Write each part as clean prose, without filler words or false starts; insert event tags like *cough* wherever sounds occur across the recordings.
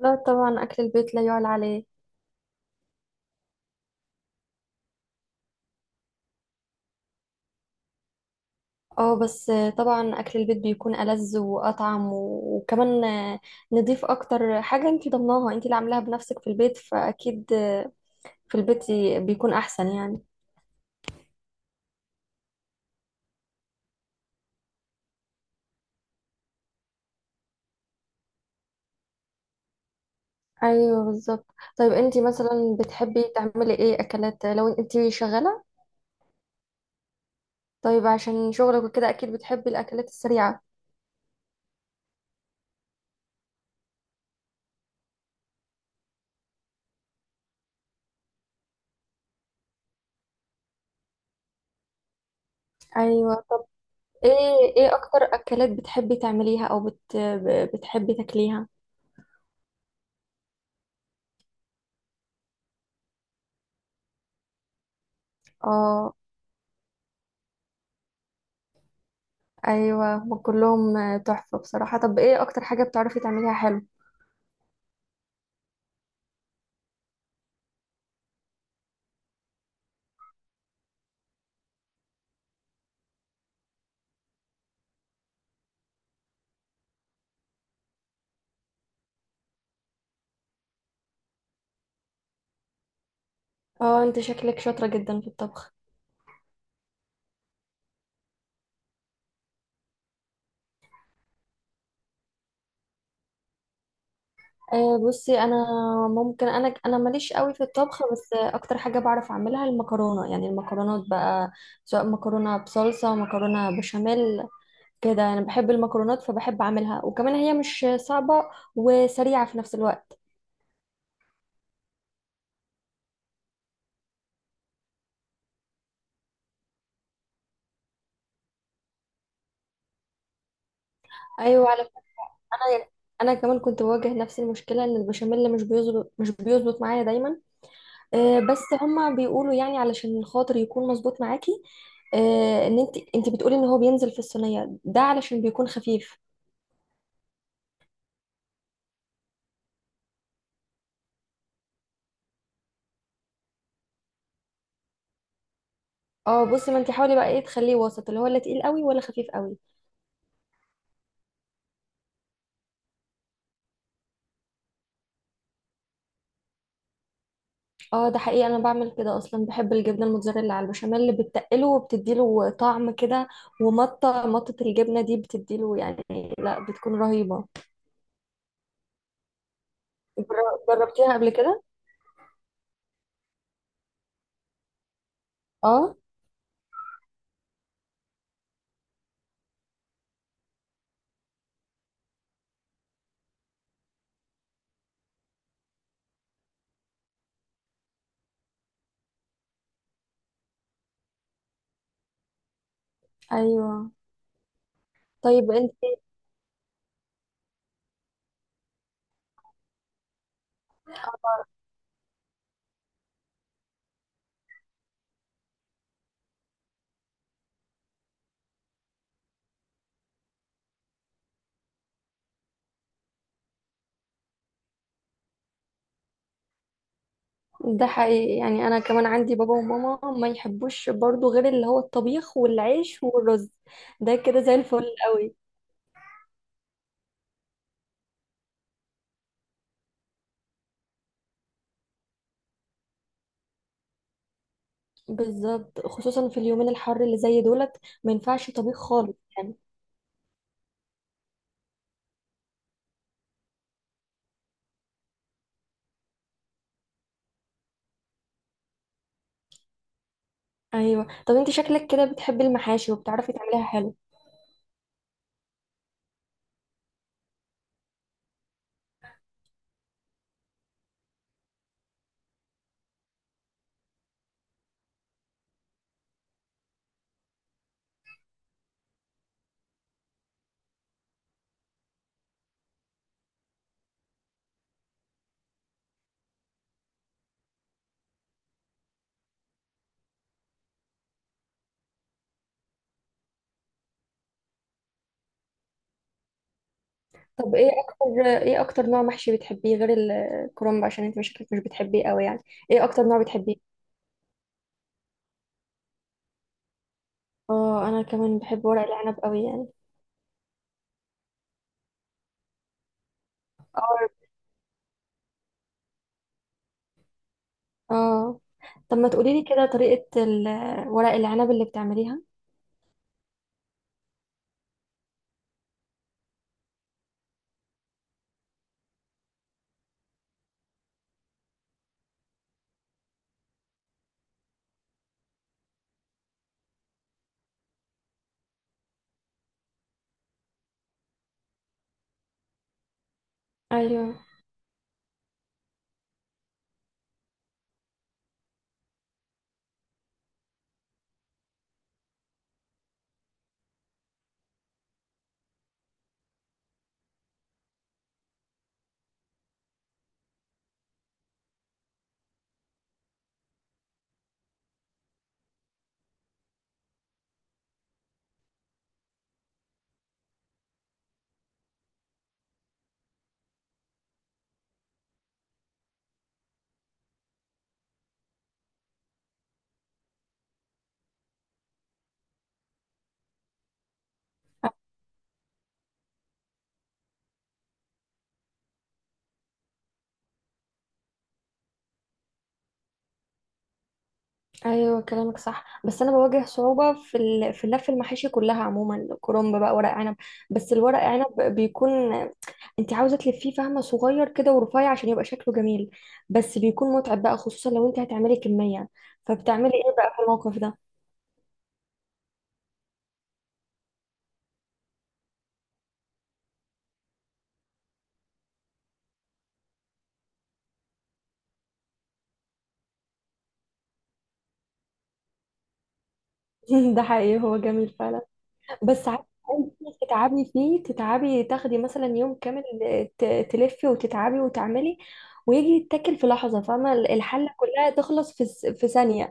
لا طبعا أكل البيت لا يعلى عليه. اه بس طبعا أكل البيت بيكون ألذ وأطعم وكمان نضيف أكتر حاجة، انتي ضمناها، انتي اللي عاملاها بنفسك في البيت، فأكيد في البيت بيكون أحسن يعني. أيوه بالظبط. طيب انتي مثلا بتحبي تعملي ايه أكلات لو انتي شغالة؟ طيب عشان شغلك وكده أكيد بتحبي الأكلات السريعة. أيوه ايه، ايه أكتر أكلات بتحبي تعمليها أو بتحبي تاكليها؟ اه ايوه هم كلهم آه، تحفه بصراحه. طب ايه اكتر حاجه بتعرفي تعمليها حلو؟ اه انت شكلك شاطره جدا في الطبخ. آه بصي انا، ممكن انا ماليش قوي في الطبخ بس آه، اكتر حاجه بعرف اعملها المكرونه، يعني المكرونات بقى، سواء مكرونه بصلصه مكرونه بشاميل كده. انا بحب المكرونات فبحب اعملها، وكمان هي مش صعبه وسريعه في نفس الوقت. ايوه على، انا انا كمان كنت بواجه نفس المشكله، ان البشاميل مش بيظبط، مش بيظبط معايا دايما آه، بس هما بيقولوا يعني علشان خاطر يكون مظبوط معاكي آه، ان انت بتقولي ان هو بينزل في الصينيه ده علشان بيكون خفيف. اه بصي، ما انت حاولي بقى ايه، تخليه وسط، اللي هو لا تقيل قوي ولا خفيف قوي. اه ده حقيقي، انا بعمل كده اصلا، بحب الجبنه الموتزاريلا على البشاميل، اللي بتقله وبتديله طعم كده، ومطه مطه الجبنه دي بتديله يعني، لا بتكون رهيبه. جربتيها قبل كده؟ اه ايوه طيب انت. ده حقيقي، يعني انا كمان عندي بابا وماما ما يحبوش برضو غير اللي هو الطبيخ والعيش والرز، ده كده زي الفل قوي. بالظبط، خصوصا في اليومين الحر اللي زي دولت ما ينفعش طبيخ خالص يعني. ايوه، طب انت شكلك كده بتحبي المحاشي وبتعرفي تعمليها حلو. طب ايه اكتر، ايه اكتر نوع محشي بتحبيه غير الكرنب، عشان انت شكلك مش بتحبيه قوي يعني؟ ايه اكتر نوع بتحبيه؟ اه انا كمان بحب ورق العنب قوي يعني. اه اه، طب ما تقولي لي كده طريقة ورق العنب اللي بتعمليها. ايوه، ايوه كلامك صح، بس انا بواجه صعوبه في لف المحاشي كلها عموما، كرنب بقى ورق عنب، بس الورق عنب بيكون، انت عاوزه تلفيه فهمه صغير كده ورفيع عشان يبقى شكله جميل، بس بيكون متعب بقى خصوصا لو انت هتعملي كميه، فبتعملي ايه بقى في الموقف ده؟ *laughs* ده حقيقي هو جميل فعلا. بس عارفة، انت تتعبي فيه، تتعبي تاخدي مثلا يوم كامل، ت... تلفي وتتعبي وتعملي ويجي يتاكل في لحظه، فاهمه الحله كلها تخلص في ثانيه.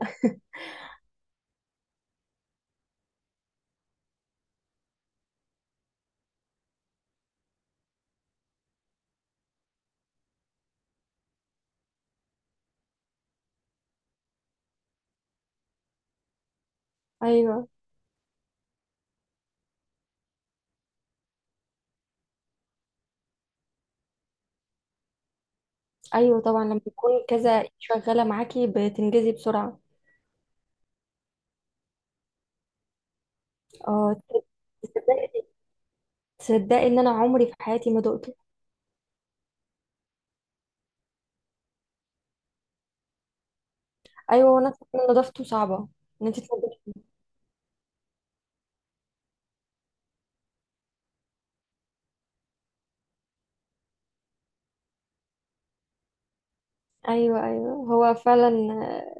ايوه، ايوه طبعا لما يكون كذا شغاله معاكي بتنجزي بسرعه. اه، تصدقي تصدقي ان انا عمري في حياتي ما دقته. ايوه وانا أسمع إن نضافته صعبه، ان انت تنضفي. ايوه ايوه هو فعلا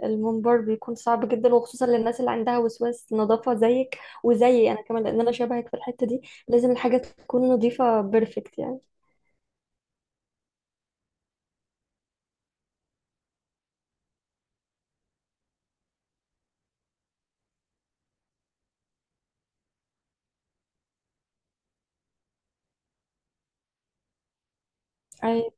آه، المنبر بيكون صعب جدا، وخصوصا للناس اللي عندها وسواس نظافه زيك، وزيي انا كمان، لان انا شبهك في الحته دي، لازم الحاجه تكون نظيفه بيرفكت يعني. ايوه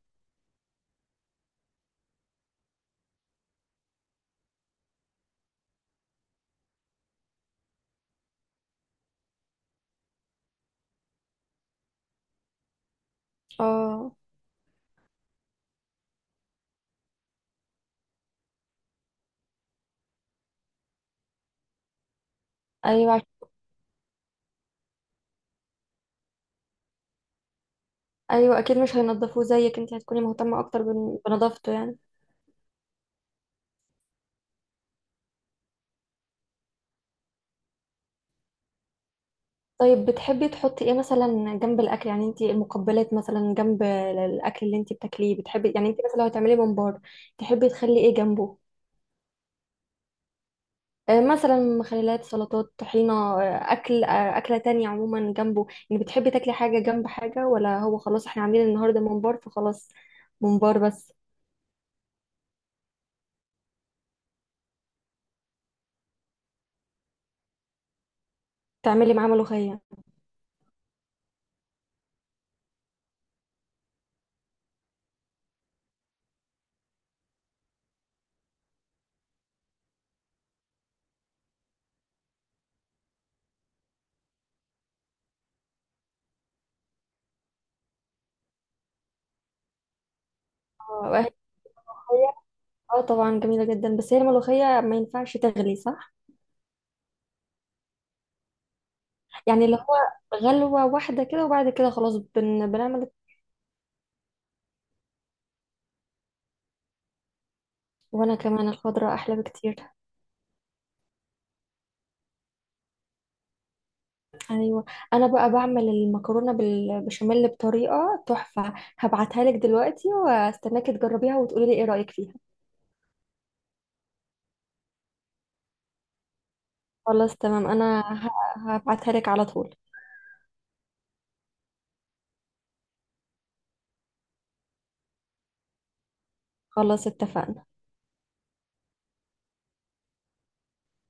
اه ايوه، ايوه اكيد مش هينضفوه زيك، انت هتكوني مهتمه اكتر بنظافته يعني. طيب بتحبي تحطي ايه مثلا جنب الاكل، يعني انت المقبلات مثلا جنب الاكل اللي انت بتاكليه، بتحبي يعني، انت مثلا لو هتعملي ممبار تحبي تخلي ايه جنبه؟ آه، مثلا مخللات سلطات طحينة آه، أكل آه، أكلة تانية عموما جنبه يعني، بتحبي تاكلي حاجة جنب حاجة ولا هو خلاص احنا عاملين النهاردة ممبار فخلاص ممبار بس؟ تعملي معاه ملوخية؟ اه هي ملوخية؟ آه، طبعا جميلة جدا، بس هي الملوخية ما ينفعش تغلي صح؟ يعني اللي هو غلوة واحدة كده وبعد كده خلاص بنعمل. وانا كمان الخضرة احلى بكتير. ايوه، انا بقى بعمل المكرونة بالبشاميل بطريقة تحفة، هبعتها لك دلوقتي واستناكي تجربيها وتقولي لي ايه رأيك فيها. خلاص تمام، انا هبعتها لك على طول. خلاص اتفقنا.